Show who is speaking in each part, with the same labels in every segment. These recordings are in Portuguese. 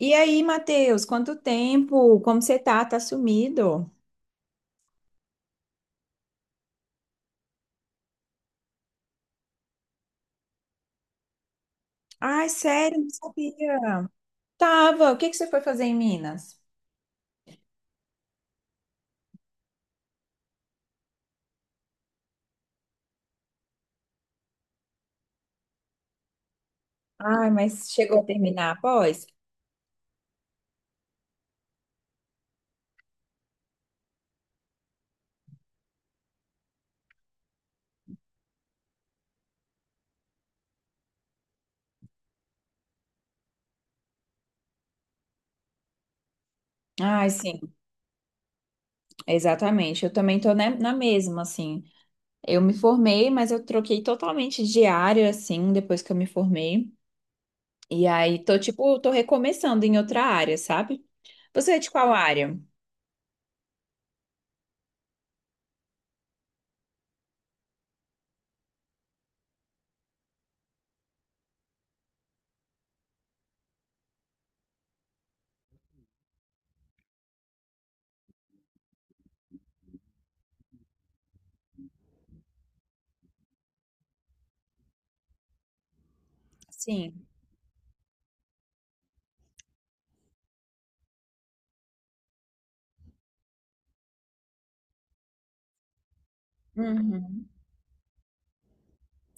Speaker 1: E aí, Matheus, quanto tempo? Como você tá? Tá sumido? Ai, sério, não sabia. Tava. O que que você foi fazer em Minas? Ai, mas chegou a terminar após? Ai, sim, exatamente. Eu também tô, né, na mesma, assim. Eu me formei, mas eu troquei totalmente de área, assim, depois que eu me formei. E aí, tô, tipo, tô recomeçando em outra área, sabe? Você é de qual área? Sim.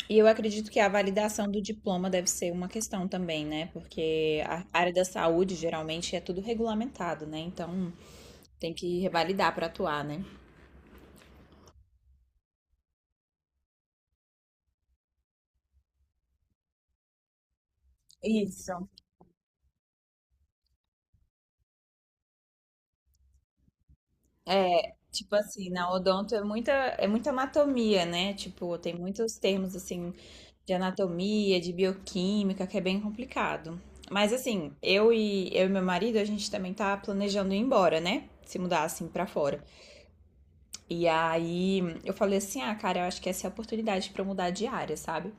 Speaker 1: E eu acredito que a validação do diploma deve ser uma questão também, né? Porque a área da saúde geralmente é tudo regulamentado, né? Então tem que revalidar para atuar, né? Isso. É, tipo assim, na odonto é muita anatomia, né? Tipo, tem muitos termos assim de anatomia, de bioquímica, que é bem complicado. Mas assim, eu e meu marido, a gente também tá planejando ir embora, né? Se mudar assim para fora. E aí eu falei assim: ah, cara, eu acho que essa é a oportunidade pra eu mudar de área, sabe?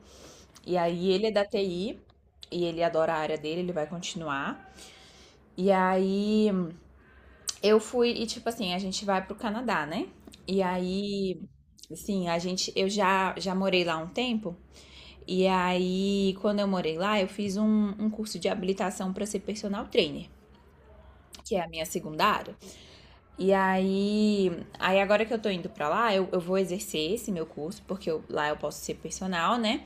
Speaker 1: E aí ele é da TI e ele adora a área dele, ele vai continuar. E aí eu fui, e tipo assim, a gente vai pro Canadá, né? E aí, assim, a gente, eu já morei lá um tempo. E aí, quando eu morei lá, eu fiz um curso de habilitação pra ser personal trainer, que é a minha segunda área. E aí, aí agora que eu tô indo pra lá, eu vou exercer esse meu curso, porque lá eu posso ser personal, né?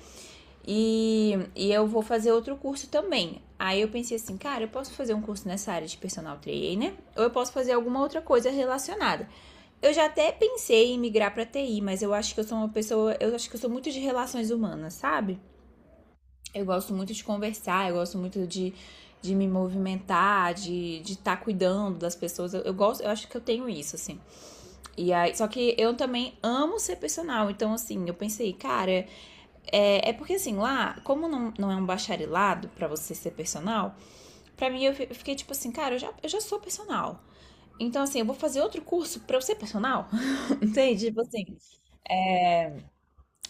Speaker 1: E eu vou fazer outro curso também. Aí eu pensei assim, cara, eu posso fazer um curso nessa área de personal trainer, ou eu posso fazer alguma outra coisa relacionada. Eu já até pensei em migrar pra TI, mas eu acho que eu sou uma pessoa, eu acho que eu sou muito de relações humanas, sabe? Eu gosto muito de conversar, eu gosto muito de me movimentar, de tá cuidando das pessoas. Eu gosto, eu acho que eu tenho isso, assim. E aí, só que eu também amo ser personal, então assim, eu pensei, cara, porque assim, lá, como não é um bacharelado pra você ser personal, pra mim eu fiquei tipo assim, cara, eu já sou personal. Então assim, eu vou fazer outro curso pra eu ser personal? Entende? Tipo assim.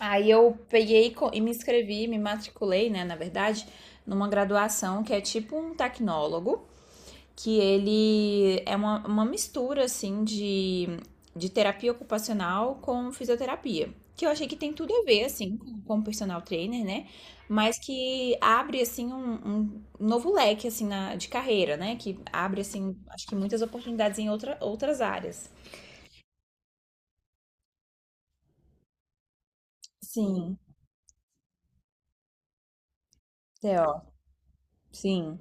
Speaker 1: Aí eu peguei e me inscrevi, me matriculei, né, na verdade, numa graduação que é tipo um tecnólogo. Que ele é uma, mistura, assim, de terapia ocupacional com fisioterapia. Que eu achei que tem tudo a ver, assim, com personal trainer, né? Mas que abre, assim, um novo leque, assim, na, de carreira, né? Que abre, assim, acho que muitas oportunidades em outra, outras áreas. Sim, Theo, sim.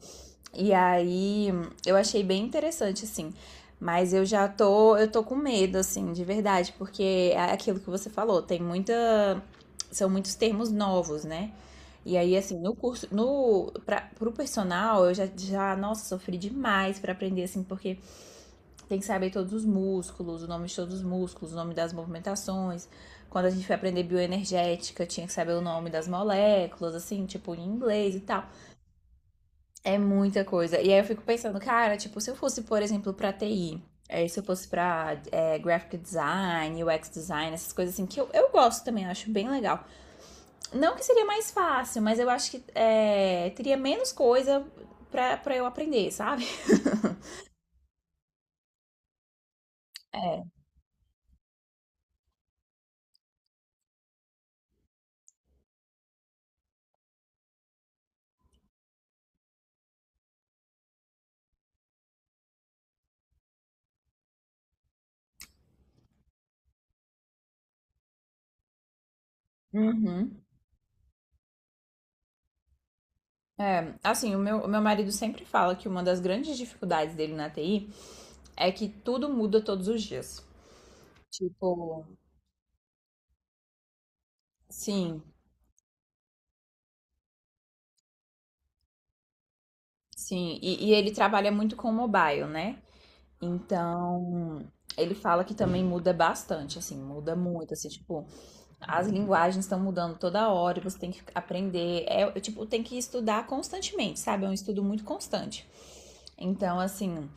Speaker 1: E aí eu achei bem interessante, assim. Mas eu tô com medo, assim, de verdade, porque é aquilo que você falou, são muitos termos novos, né? E aí, assim, no curso, no, pra, pro personal, nossa, sofri demais pra aprender, assim, porque tem que saber todos os músculos, o nome de todos os músculos, o nome das movimentações. Quando a gente foi aprender bioenergética, tinha que saber o nome das moléculas, assim, tipo, em inglês e tal. É muita coisa. E aí eu fico pensando, cara, tipo, se eu fosse, por exemplo, pra TI, se eu fosse pra graphic design, UX design, essas coisas assim, que eu gosto também, eu acho bem legal. Não que seria mais fácil, mas eu acho que é, teria menos coisa pra, pra eu aprender, sabe? É. Uhum. Assim, o meu marido sempre fala que uma das grandes dificuldades dele na TI é que tudo muda todos os dias. Tipo, sim, sim. E ele trabalha muito com mobile, né? Então, ele fala que também muda bastante, assim, muda muito, assim, tipo, as linguagens estão mudando toda hora, você tem que aprender, é, tipo, tem que estudar constantemente, sabe? É um estudo muito constante. Então, assim,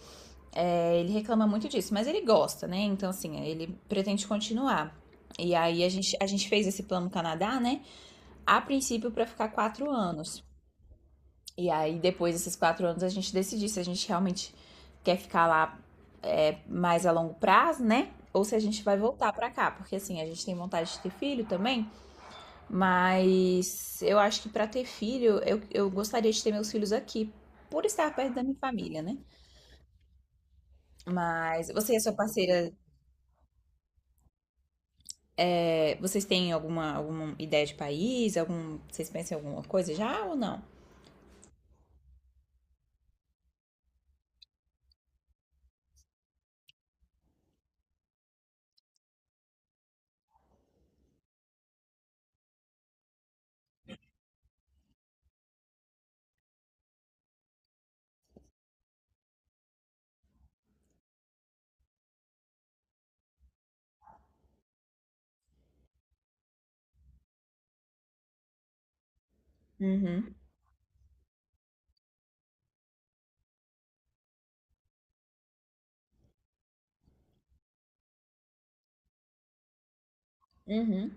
Speaker 1: é, ele reclama muito disso, mas ele gosta, né? Então, assim, ele pretende continuar. E aí a gente fez esse plano Canadá, né? A princípio para ficar 4 anos. E aí, depois desses 4 anos, a gente decidir se a gente realmente quer ficar lá, é, mais a longo prazo, né? Ou se a gente vai voltar pra cá, porque assim, a gente tem vontade de ter filho também, mas eu acho que pra ter filho, eu gostaria de ter meus filhos aqui, por estar perto da minha família, né? Mas você e a sua parceira, é, vocês têm alguma, alguma ideia de país? Algum, vocês pensam em alguma coisa já ou não? Uhum, uhum.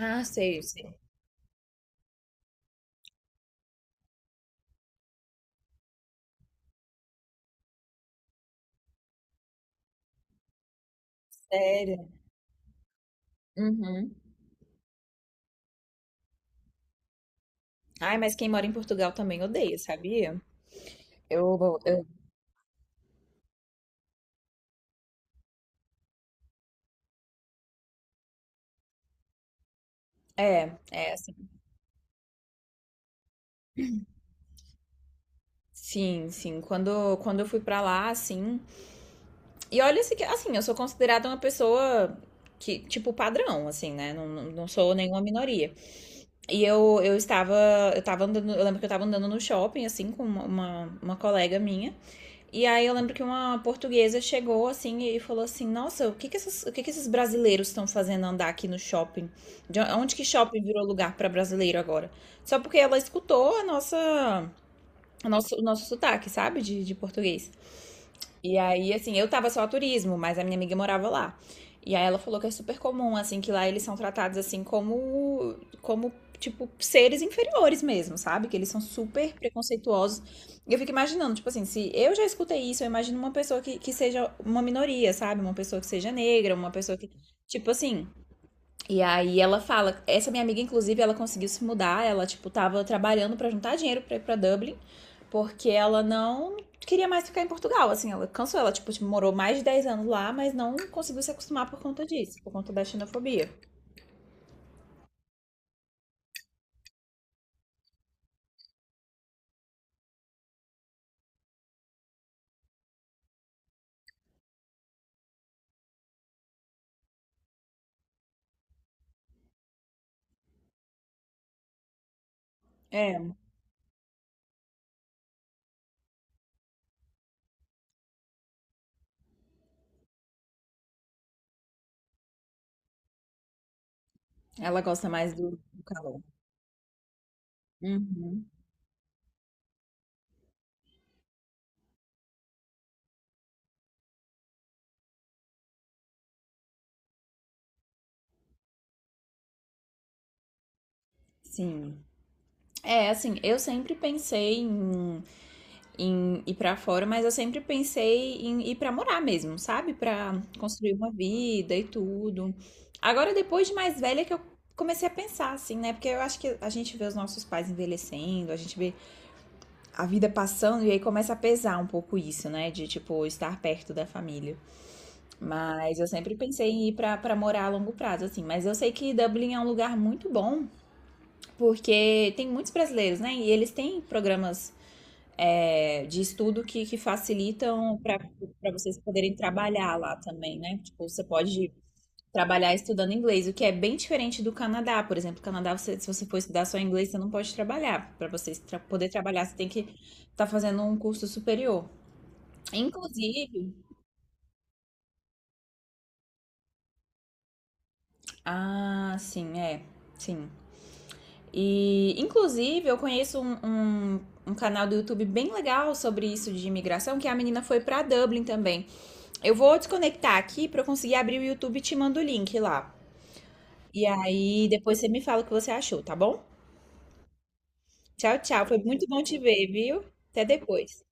Speaker 1: Ah, sei, sei. Sério. Uhum. Ai, mas quem mora em Portugal também odeia, sabia? Eu, eu- É, é assim. Sim, sim. Quando, quando eu fui pra lá, assim. E olha, assim, assim, eu sou considerada uma pessoa que, tipo, padrão, assim, né? Não, não sou nenhuma minoria. E eu estava, eu tava andando, eu lembro que eu tava andando no shopping, assim, com uma, uma colega minha. E aí eu lembro que uma portuguesa chegou assim e falou assim: Nossa, o que que esses brasileiros estão fazendo andar aqui no shopping? De onde que shopping virou lugar para brasileiro agora? Só porque ela escutou a nossa, o nosso sotaque, sabe? De português. E aí, assim, eu tava só a turismo, mas a minha amiga morava lá. E aí ela falou que é super comum, assim, que lá eles são tratados assim como, como tipo, seres inferiores mesmo, sabe? Que eles são super preconceituosos. E eu fico imaginando, tipo assim, se eu já escutei isso, eu imagino uma pessoa que seja uma minoria, sabe? Uma pessoa que seja negra, uma pessoa que. Tipo assim, e aí ela fala, essa minha amiga inclusive, ela conseguiu se mudar, ela tipo tava trabalhando para juntar dinheiro para ir para Dublin, porque ela não queria mais ficar em Portugal, assim, ela cansou, ela tipo tipo, morou mais de 10 anos lá, mas não conseguiu se acostumar por conta disso, por conta da xenofobia. É, ela gosta mais do, do calor. Uhum. Sim. É, assim, eu sempre pensei em em ir para fora, mas eu sempre pensei em ir para morar mesmo, sabe? Para construir uma vida e tudo. Agora, depois de mais velha, que eu comecei a pensar assim, né? Porque eu acho que a gente vê os nossos pais envelhecendo, a gente vê a vida passando e aí começa a pesar um pouco isso, né? De tipo estar perto da família. Mas eu sempre pensei em ir pra para morar a longo prazo, assim. Mas eu sei que Dublin é um lugar muito bom, porque tem muitos brasileiros, né? E eles têm programas, é, de estudo que facilitam para vocês poderem trabalhar lá também, né? Tipo, você pode trabalhar estudando inglês, o que é bem diferente do Canadá. Por exemplo, no Canadá, você, se você for estudar só inglês, você não pode trabalhar. Para você poder trabalhar, você tem que estar fazendo um curso superior. Inclusive, ah, sim, é, sim. E, inclusive, eu conheço um, um canal do YouTube bem legal sobre isso de imigração, que a menina foi para Dublin também. Eu vou desconectar aqui para eu conseguir abrir o YouTube e te mando o link lá. E aí depois você me fala o que você achou, tá bom? Tchau, tchau. Foi muito bom te ver, viu? Até depois.